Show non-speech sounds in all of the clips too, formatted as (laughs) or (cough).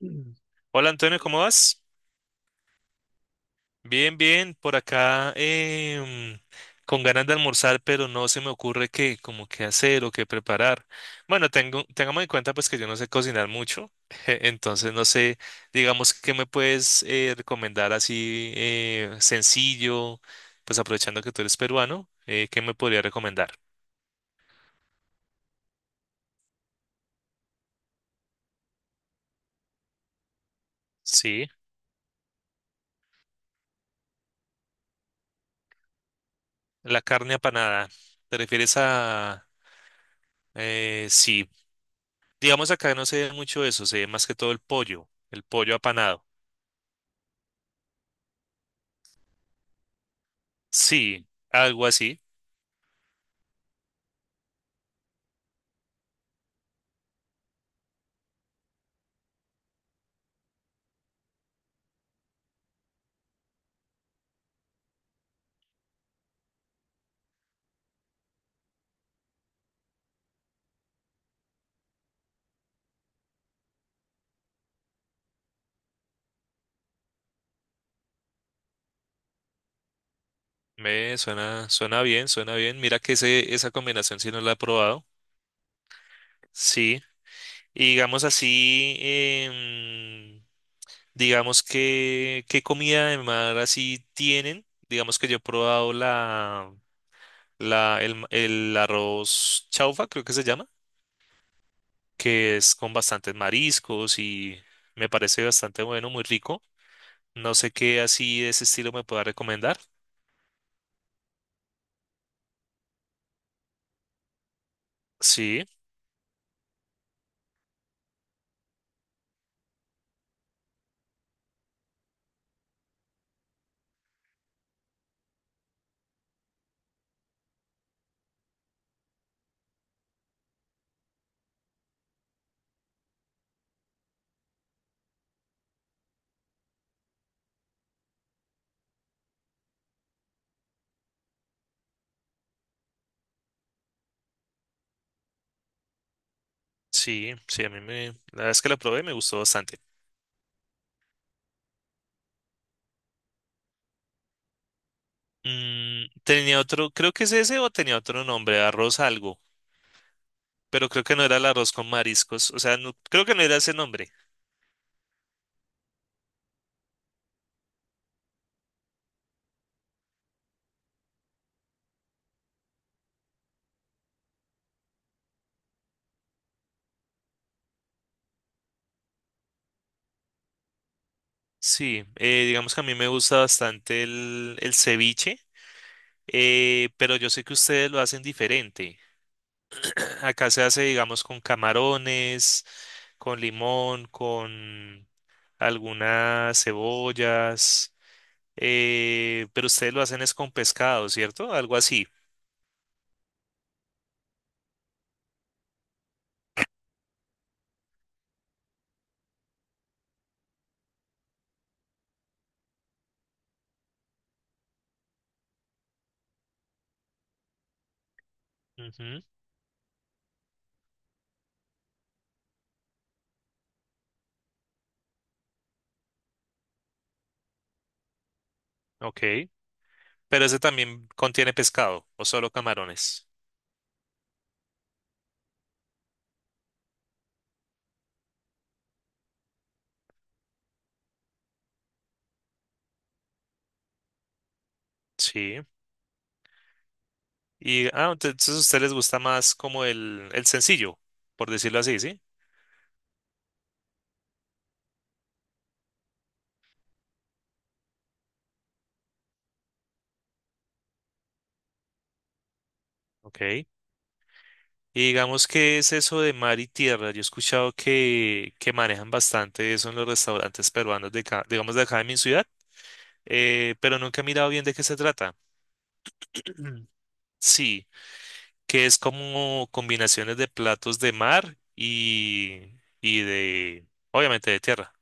Mm. Hola Antonio, ¿cómo vas? Bien, bien, por acá con ganas de almorzar, pero no se me ocurre qué, como qué hacer o qué preparar. Bueno, tengamos en cuenta pues que yo no sé cocinar mucho, (laughs) entonces no sé, digamos, ¿qué me puedes recomendar así sencillo? Pues aprovechando que tú eres peruano, ¿qué me podría recomendar? Sí, la carne apanada. ¿Te refieres a...? Sí. Digamos acá no se ve mucho eso, se ve más que todo el pollo apanado. Sí, algo así. Me suena, suena bien, suena bien. Mira que esa combinación sí no la he probado. Sí. Y digamos así, em, digamos que qué comida de mar así tienen. Digamos que yo he probado el arroz chaufa, creo que se llama, que es con bastantes mariscos y me parece bastante bueno, muy rico. No sé qué así de ese estilo me pueda recomendar. Sí, sí, sí, a mí me... La verdad es que la probé y me gustó bastante. Tenía otro, creo que es ese o tenía otro nombre, arroz algo, pero creo que no era el arroz con mariscos, o sea, creo que no era ese nombre. Sí, digamos que a mí me gusta bastante el ceviche, pero yo sé que ustedes lo hacen diferente. (clears throat) Acá se hace, digamos, con camarones, con limón, con algunas cebollas. Pero ustedes lo hacen es con pescado, ¿cierto? Algo así. Ujú. Ok. ¿Pero ese también contiene pescado o solo camarones? Sí. Y entonces a ustedes les gusta más como el sencillo, por decirlo así, ¿sí? Ok. Y digamos, ¿qué es eso de mar y tierra? Yo he escuchado que manejan bastante eso en los restaurantes peruanos de acá, digamos de acá de mi ciudad, pero nunca he mirado bien de qué se trata. (clears throat) Sí. Que es como combinaciones de platos de mar y de, obviamente, de tierra,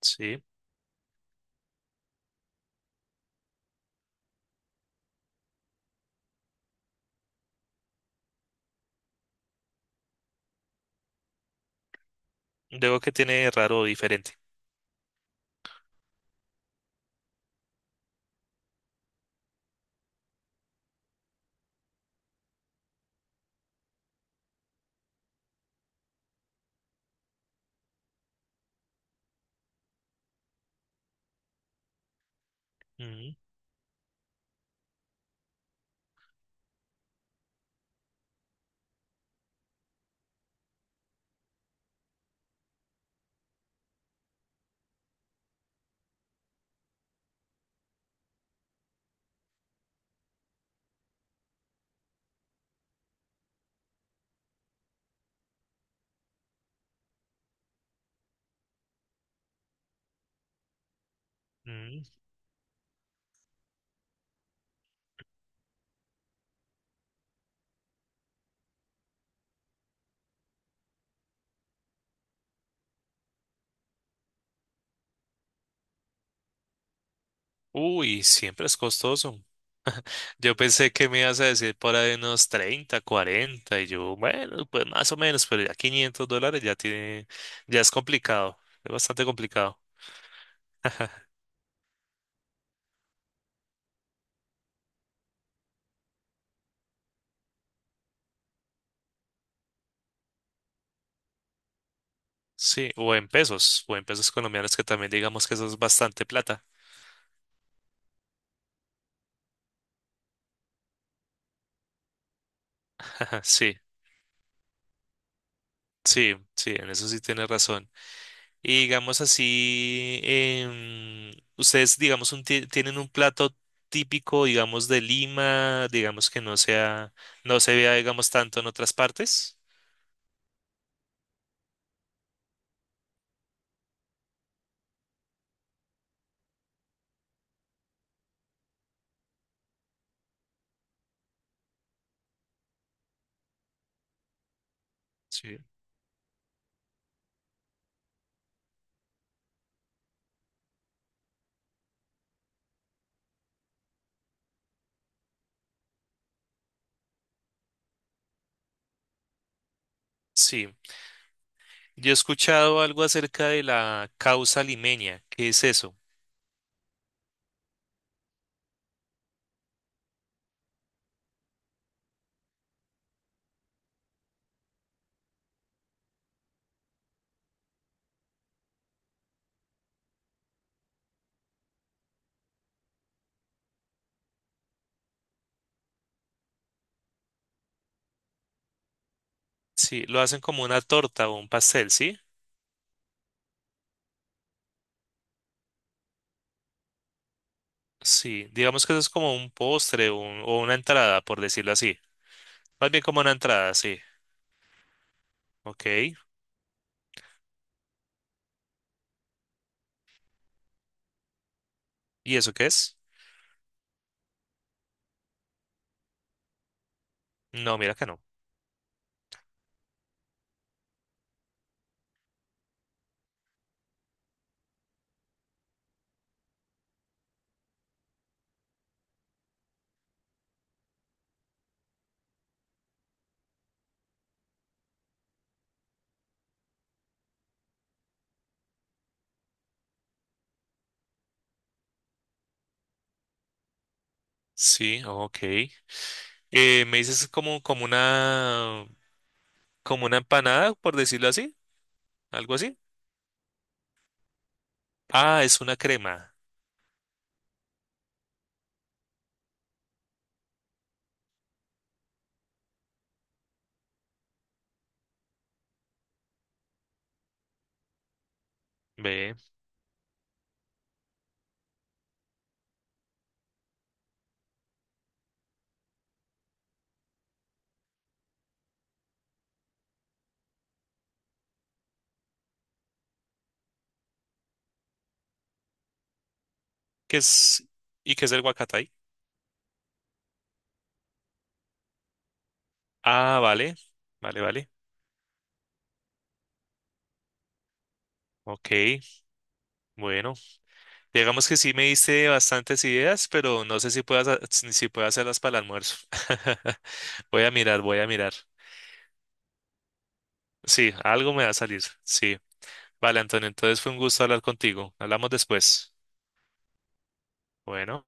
¿sí? ¿Luego que tiene de raro o diferente? Ujú, ujú. Uy, siempre es costoso. Yo pensé que me ibas a decir por ahí unos 30, 40. Y yo, bueno, pues más o menos, pero ya $500 ya tiene, ya es complicado, es bastante complicado. Sí, o en pesos colombianos, que también digamos que eso es bastante plata. (laughs) Sí, sí, sí, en eso sí tienes razón. Y digamos así, ustedes, digamos, tienen un plato típico, digamos, de Lima, digamos que no se vea, digamos, tanto en otras partes. Sí. Sí. Yo he escuchado algo acerca de la causa limeña. ¿Qué es eso? Sí, lo hacen como una torta o un pastel, ¿sí? Sí, digamos que eso es como un postre o una entrada, por decirlo así. Más bien como una entrada, sí. Ok. ¿Y eso qué es? No, mira que no. Sí, ok. Me dices como, como una empanada, por decirlo así, algo así. Ah, es una crema. Ve, ¿qué es? ¿Y qué es el guacatay? Ah, vale, vale, vale. Ok, bueno, digamos que sí me diste bastantes ideas, pero no sé si puedas, si puedo hacerlas para el almuerzo. (laughs) Voy a mirar, voy a mirar. Sí, algo me va a salir. Sí. Vale, Antonio, entonces fue un gusto hablar contigo. Hablamos después. Bueno.